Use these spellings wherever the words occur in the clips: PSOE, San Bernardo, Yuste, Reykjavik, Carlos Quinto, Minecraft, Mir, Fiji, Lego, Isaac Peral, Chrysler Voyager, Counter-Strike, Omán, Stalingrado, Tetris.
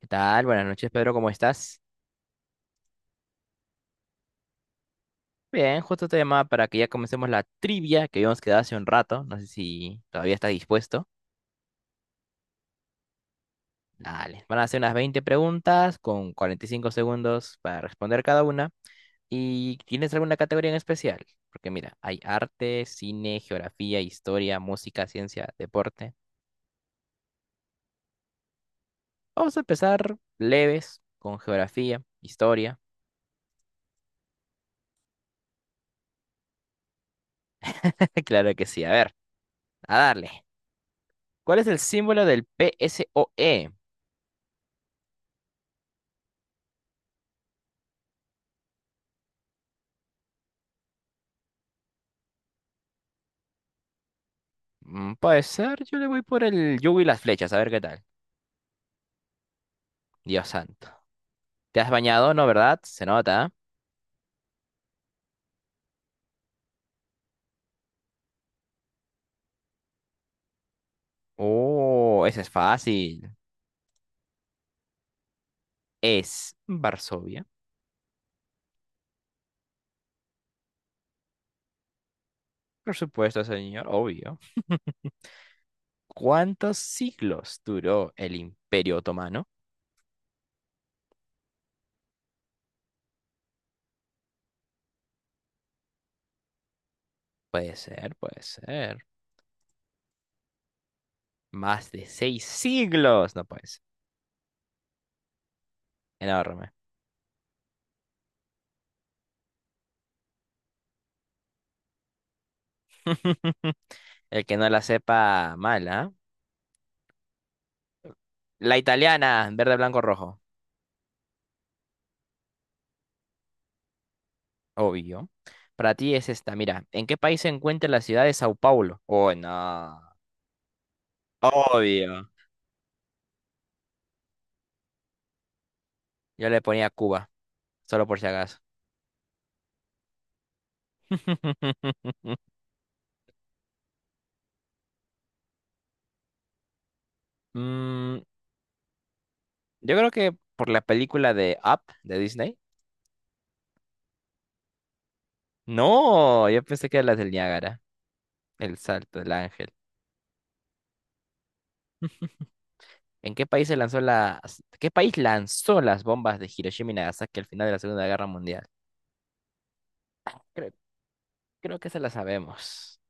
¿Qué tal? Buenas noches, Pedro, ¿cómo estás? Bien, justo te llamaba para que ya comencemos la trivia que habíamos quedado hace un rato. No sé si todavía estás dispuesto. Dale, van a hacer unas 20 preguntas con 45 segundos para responder cada una. ¿Y tienes alguna categoría en especial? Porque mira, hay arte, cine, geografía, historia, música, ciencia, deporte. Vamos a empezar leves con geografía, historia. Claro que sí, a ver, a darle. ¿Cuál es el símbolo del PSOE? Mm, puede ser, yo le voy por el yugo y las flechas, a ver qué tal. Dios santo. ¿Te has bañado? No, ¿verdad? Se nota. Oh, ese es fácil. Es Varsovia. Por supuesto, señor, obvio. ¿Cuántos siglos duró el Imperio Otomano? Puede ser, puede ser. Más de 6 siglos. No puede ser. Enorme. El que no la sepa, mala. La italiana, verde, blanco, rojo. Obvio. Para ti es esta, mira, ¿en qué país se encuentra la ciudad de Sao Paulo? Oh, no. Obvio. Yo le ponía Cuba, solo por si acaso. Mm, yo creo que por la película de Up de Disney. No, yo pensé que era la del Niágara, el salto del ángel. ¿En qué país se lanzó las, qué país lanzó las bombas de Hiroshima y Nagasaki al final de la Segunda Guerra Mundial? Creo, creo que se la sabemos.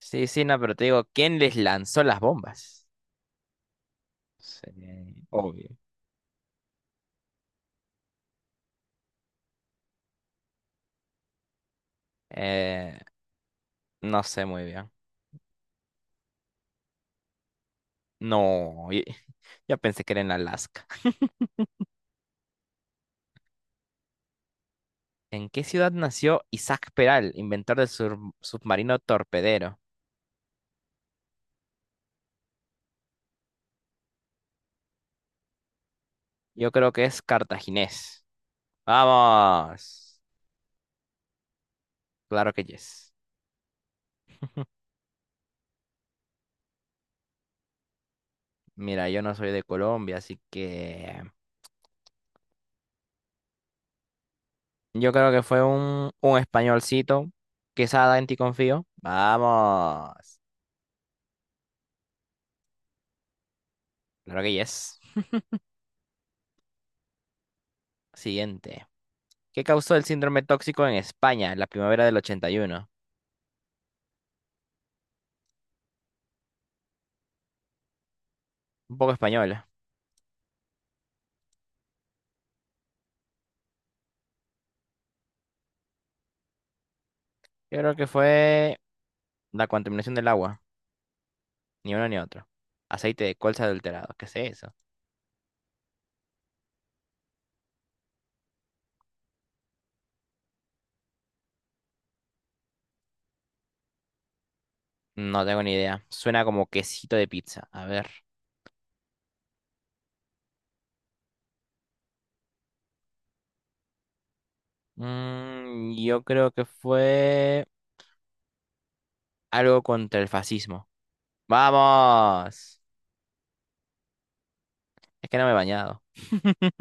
Sí, sí, no, pero te digo, ¿quién les lanzó las bombas? Sí, obvio. Eh, no sé muy bien. No, ya pensé que era en Alaska. ¿En qué ciudad nació Isaac Peral, inventor del submarino torpedero? Yo creo que es cartaginés. ¡Vamos! Claro que yes. Mira, yo no soy de Colombia, así que yo creo que fue un españolcito. Quesada, en ti confío. ¡Vamos! Claro que yes. Siguiente. ¿Qué causó el síndrome tóxico en España en la primavera del 81? Un poco española. Yo creo que fue la contaminación del agua, ni uno ni otro. Aceite de colza adulterado, ¿qué es eso? No tengo ni idea. Suena como quesito de pizza. A ver. Mm, yo creo que fue algo contra el fascismo. ¡Vamos! Es que no me he bañado.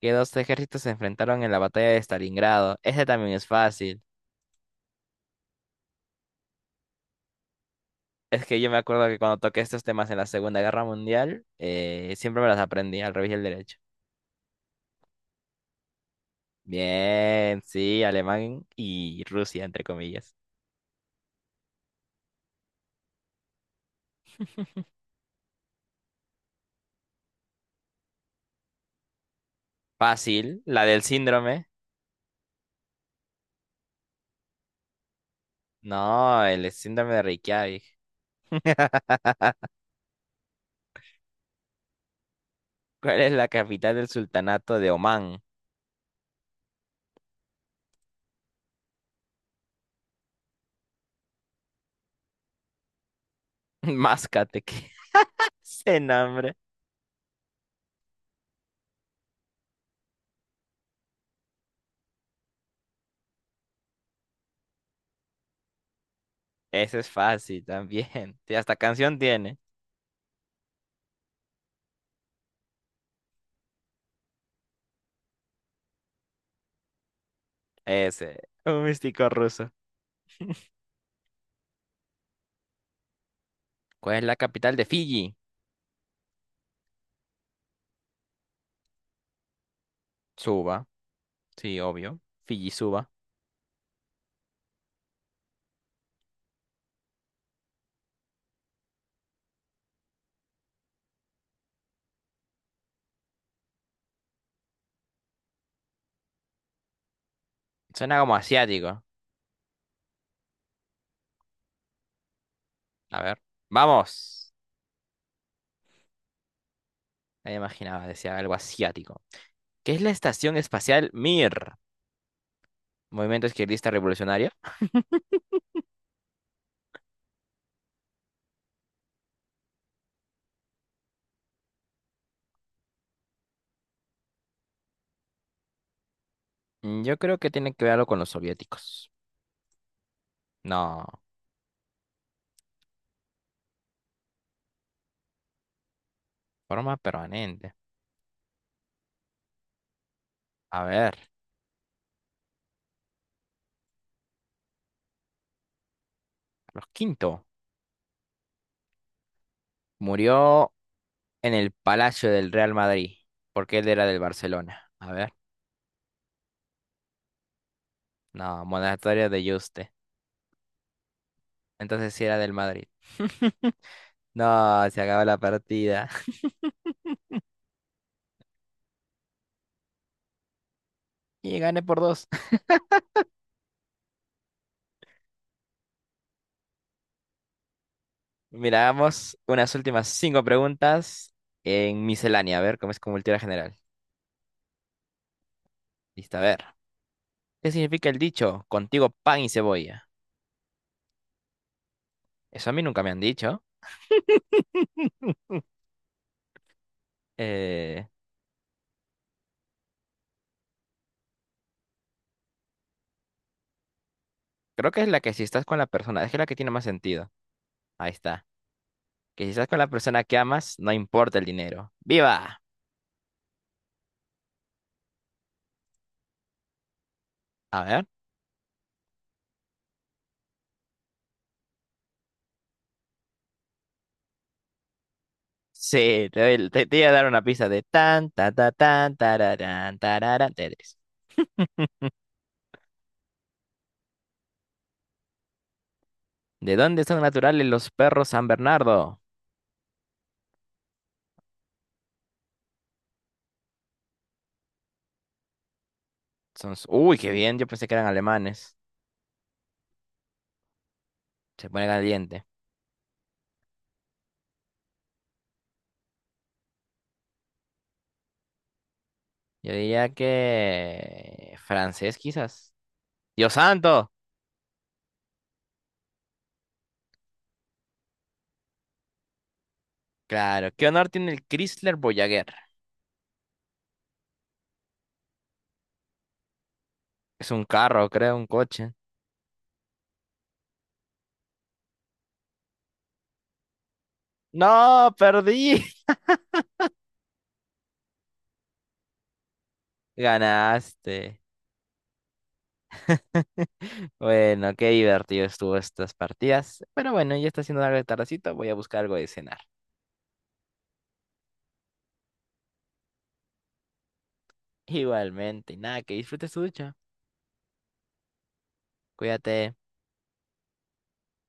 ¿Qué dos ejércitos se enfrentaron en la batalla de Stalingrado? Ese también es fácil. Es que yo me acuerdo que cuando toqué estos temas en la Segunda Guerra Mundial, siempre me las aprendí al revés y al derecho. Bien, sí, alemán y Rusia, entre comillas. Fácil, la del síndrome. No, el síndrome de Reykjavik. ¿Cuál es la capital del sultanato de Omán? Máscate, que ese nombre. Ese es fácil también. Y hasta canción tiene. Ese, un místico ruso. ¿Cuál es la capital de Fiji? Suba, sí, obvio. Fiji suena como asiático. A ver. Vamos. Ya me imaginaba, decía algo asiático. ¿Qué es la estación espacial Mir? Movimiento izquierdista revolucionario. Mm, yo creo que tiene que ver algo con los soviéticos. No, forma permanente. A ver, Carlos quinto murió en el Palacio del Real Madrid, porque él era del Barcelona. A ver, no, monasterio de Yuste. Entonces sí era del Madrid. No, se acabó la partida. Y gané por dos. Miramos unas últimas 5 preguntas en miscelánea, a ver cómo es con cultura general. Listo, a ver. ¿Qué significa el dicho? Contigo pan y cebolla. Eso a mí nunca me han dicho. Eh, creo que es la que si estás con la persona, es que es la que tiene más sentido. Ahí está. Que si estás con la persona que amas, no importa el dinero. ¡Viva! A ver. Sí, te iba a dar una pista de tan, ta, ta, tan, tararán, tararán, Tetris. ¿De dónde son naturales los perros San Bernardo? Son, uy, qué bien, yo pensé que eran alemanes. Se pone caliente. Yo diría que francés quizás. Dios santo. Claro, ¿qué honor tiene el Chrysler Voyager? Es un carro, creo, un coche. No, perdí. Ganaste. Bueno, qué divertido estuvo estas partidas. Pero bueno, ya está haciendo algo de tardecito. Voy a buscar algo de cenar. Igualmente, y nada, que disfrutes tu ducha. Cuídate.